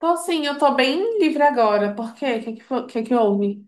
Tô sim, eu tô bem livre agora. Por quê? O que que, que houve?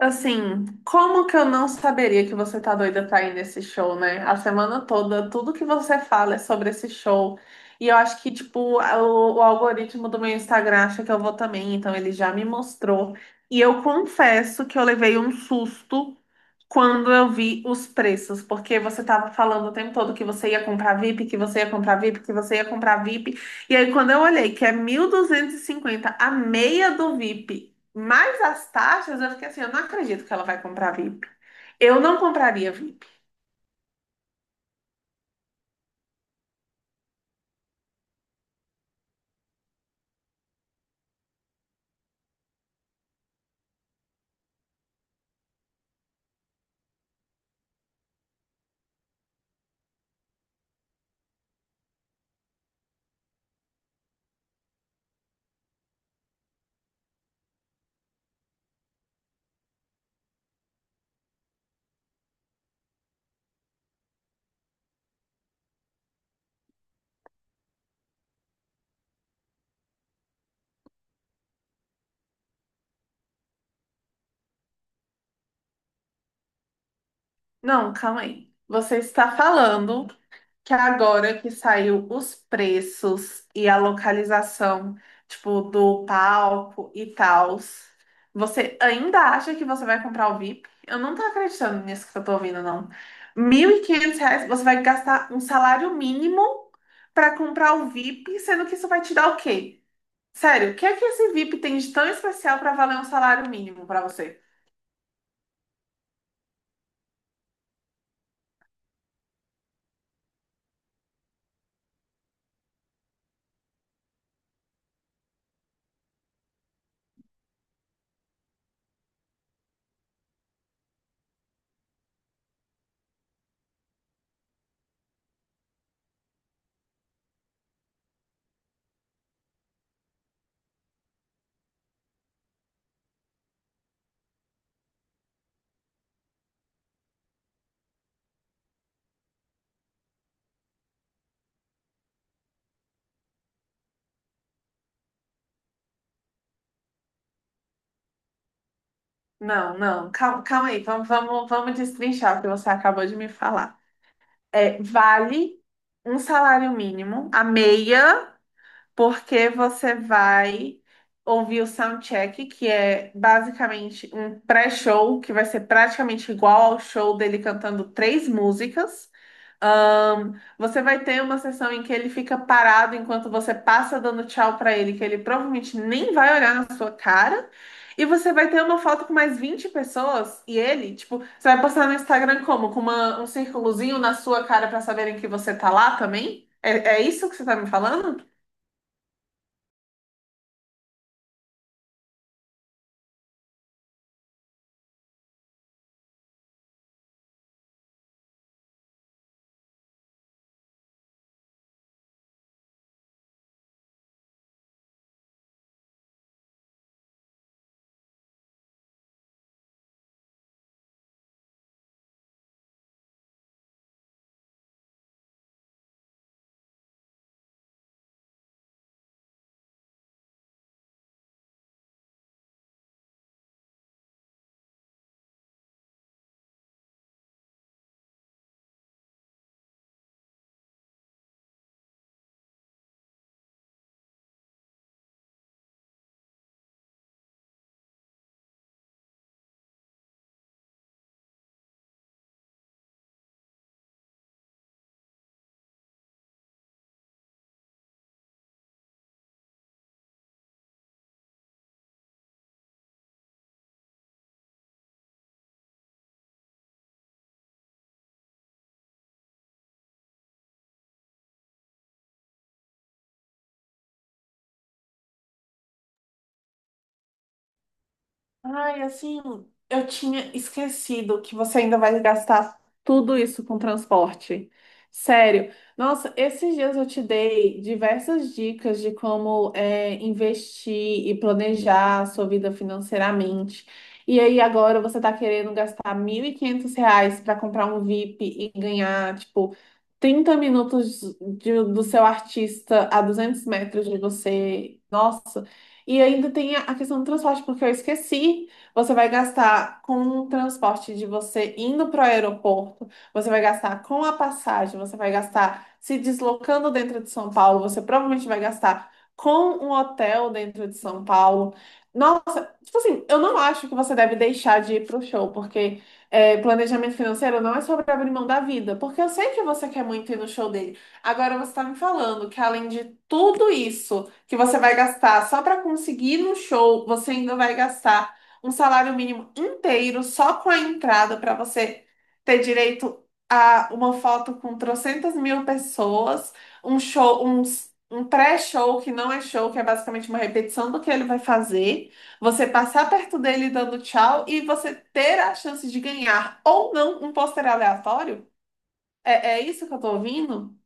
Assim, como que eu não saberia que você tá doida pra ir nesse show, né? A semana toda, tudo que você fala é sobre esse show. E eu acho que, tipo, o algoritmo do meu Instagram acha que eu vou também, então ele já me mostrou. E eu confesso que eu levei um susto quando eu vi os preços, porque você estava falando o tempo todo que você ia comprar VIP, que você ia comprar VIP, que você ia comprar VIP. E aí, quando eu olhei que é 1.250 a meia do VIP, mais as taxas, eu fiquei assim, eu não acredito que ela vai comprar VIP. Eu não compraria VIP. Não, calma aí. Você está falando que agora que saiu os preços e a localização, tipo, do palco e tal, você ainda acha que você vai comprar o VIP? Eu não tô acreditando nisso que eu tô ouvindo, não. 1.500 reais, você vai gastar um salário mínimo para comprar o VIP, sendo que isso vai te dar o quê? Sério, o que é que esse VIP tem de tão especial para valer um salário mínimo para você? Não, não, calma, calma aí, vamos, vamos, vamos destrinchar o que você acabou de me falar. Vale um salário mínimo, a meia porque você vai ouvir o soundcheck, que é basicamente um pré-show, que vai ser praticamente igual ao show dele cantando três músicas. Ahn, Você vai ter uma sessão em que ele fica parado enquanto você passa dando tchau para ele, que ele provavelmente nem vai olhar na sua cara. E você vai ter uma foto com mais 20 pessoas e ele, tipo, você vai postar no Instagram como? Com um círculozinho na sua cara para saberem que você tá lá também? É, é isso que você tá me falando? Ai, assim, eu tinha esquecido que você ainda vai gastar tudo isso com transporte. Sério. Nossa, esses dias eu te dei diversas dicas de como investir e planejar a sua vida financeiramente. E aí agora você tá querendo gastar 1.500 reais para comprar um VIP e ganhar, tipo, 30 minutos do seu artista a 200 metros de você. Nossa. E ainda tem a questão do transporte, porque eu esqueci. Você vai gastar com o transporte de você indo para o aeroporto, você vai gastar com a passagem, você vai gastar se deslocando dentro de São Paulo, você provavelmente vai gastar com um hotel dentro de São Paulo. Tipo assim, eu não acho que você deve deixar de ir pro show, porque planejamento financeiro não é sobre abrir mão da vida, porque eu sei que você quer muito ir no show dele. Agora você tá me falando que além de tudo isso que você vai gastar só para conseguir ir no show, você ainda vai gastar um salário mínimo inteiro só com a entrada para você ter direito a uma foto com trocentas mil pessoas, um show, um pré-show que não é show, que é basicamente uma repetição do que ele vai fazer. Você passar perto dele dando tchau e você ter a chance de ganhar ou não um pôster aleatório? É, é isso que eu tô ouvindo?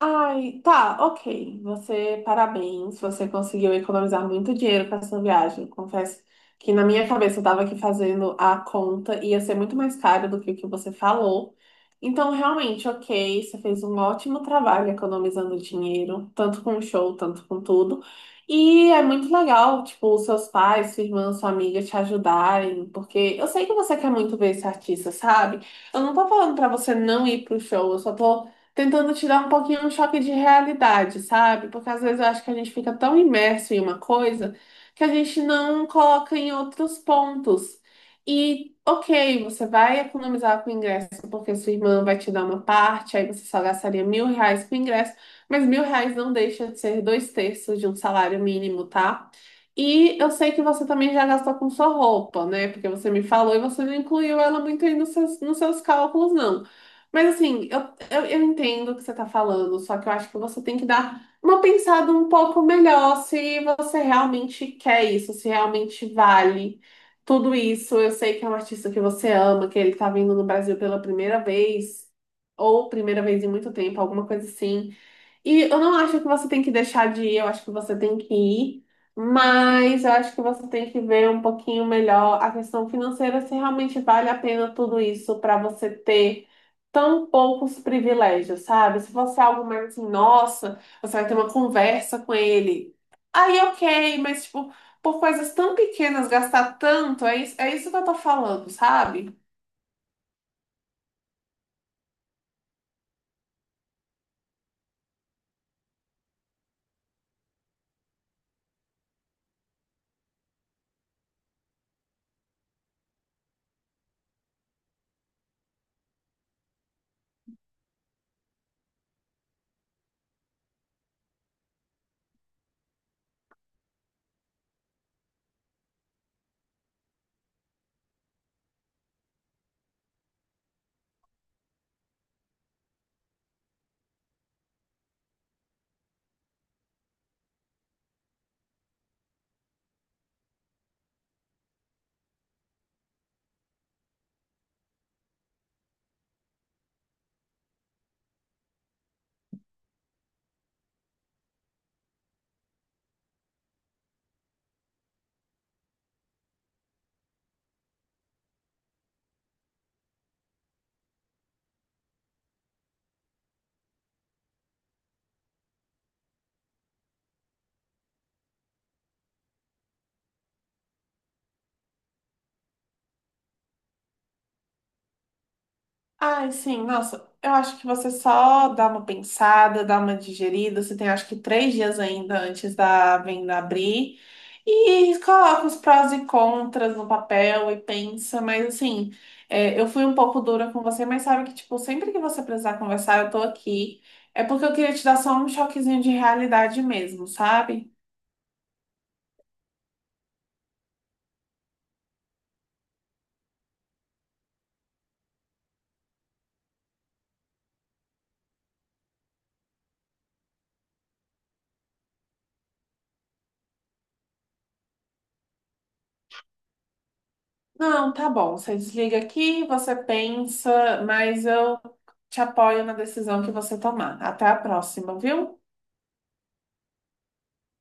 Ai, tá, ok. Você, parabéns, você conseguiu economizar muito dinheiro com essa viagem. Confesso que na minha cabeça eu tava aqui fazendo a conta, ia ser muito mais caro do que o que você falou. Então, realmente, ok, você fez um ótimo trabalho economizando dinheiro, tanto com o show, tanto com tudo. E é muito legal, tipo, os seus pais, sua irmã, sua amiga te ajudarem, porque eu sei que você quer muito ver esse artista, sabe? Eu não tô falando pra você não ir pro show, eu só tô tentando te dar um pouquinho um choque de realidade, sabe? Porque às vezes eu acho que a gente fica tão imerso em uma coisa que a gente não coloca em outros pontos. E, ok, você vai economizar com o ingresso porque sua irmã vai te dar uma parte, aí você só gastaria 1.000 reais com o ingresso, mas 1.000 reais não deixa de ser dois terços de um salário mínimo, tá? E eu sei que você também já gastou com sua roupa, né? Porque você me falou e você não incluiu ela muito aí nos seus cálculos, não. Mas assim, eu entendo o que você está falando, só que eu acho que você tem que dar uma pensada um pouco melhor se você realmente quer isso, se realmente vale tudo isso. Eu sei que é um artista que você ama, que ele está vindo no Brasil pela primeira vez, ou primeira vez em muito tempo, alguma coisa assim. E eu não acho que você tem que deixar de ir, eu acho que você tem que ir, mas eu acho que você tem que ver um pouquinho melhor a questão financeira, se realmente vale a pena tudo isso para você ter tão poucos privilégios, sabe? Se fosse algo mais assim, nossa, você vai ter uma conversa com ele. Aí, ok, mas tipo, por coisas tão pequenas, gastar tanto, é isso que eu tô falando, sabe? Ai, sim, nossa, eu acho que você só dá uma pensada, dá uma digerida. Você tem acho que 3 dias ainda antes da venda abrir. E coloca os prós e contras no papel e pensa, mas assim, eu fui um pouco dura com você, mas sabe que, tipo, sempre que você precisar conversar, eu tô aqui. É porque eu queria te dar só um choquezinho de realidade mesmo, sabe? Não, tá bom, você desliga aqui, você pensa, mas eu te apoio na decisão que você tomar. Até a próxima, viu?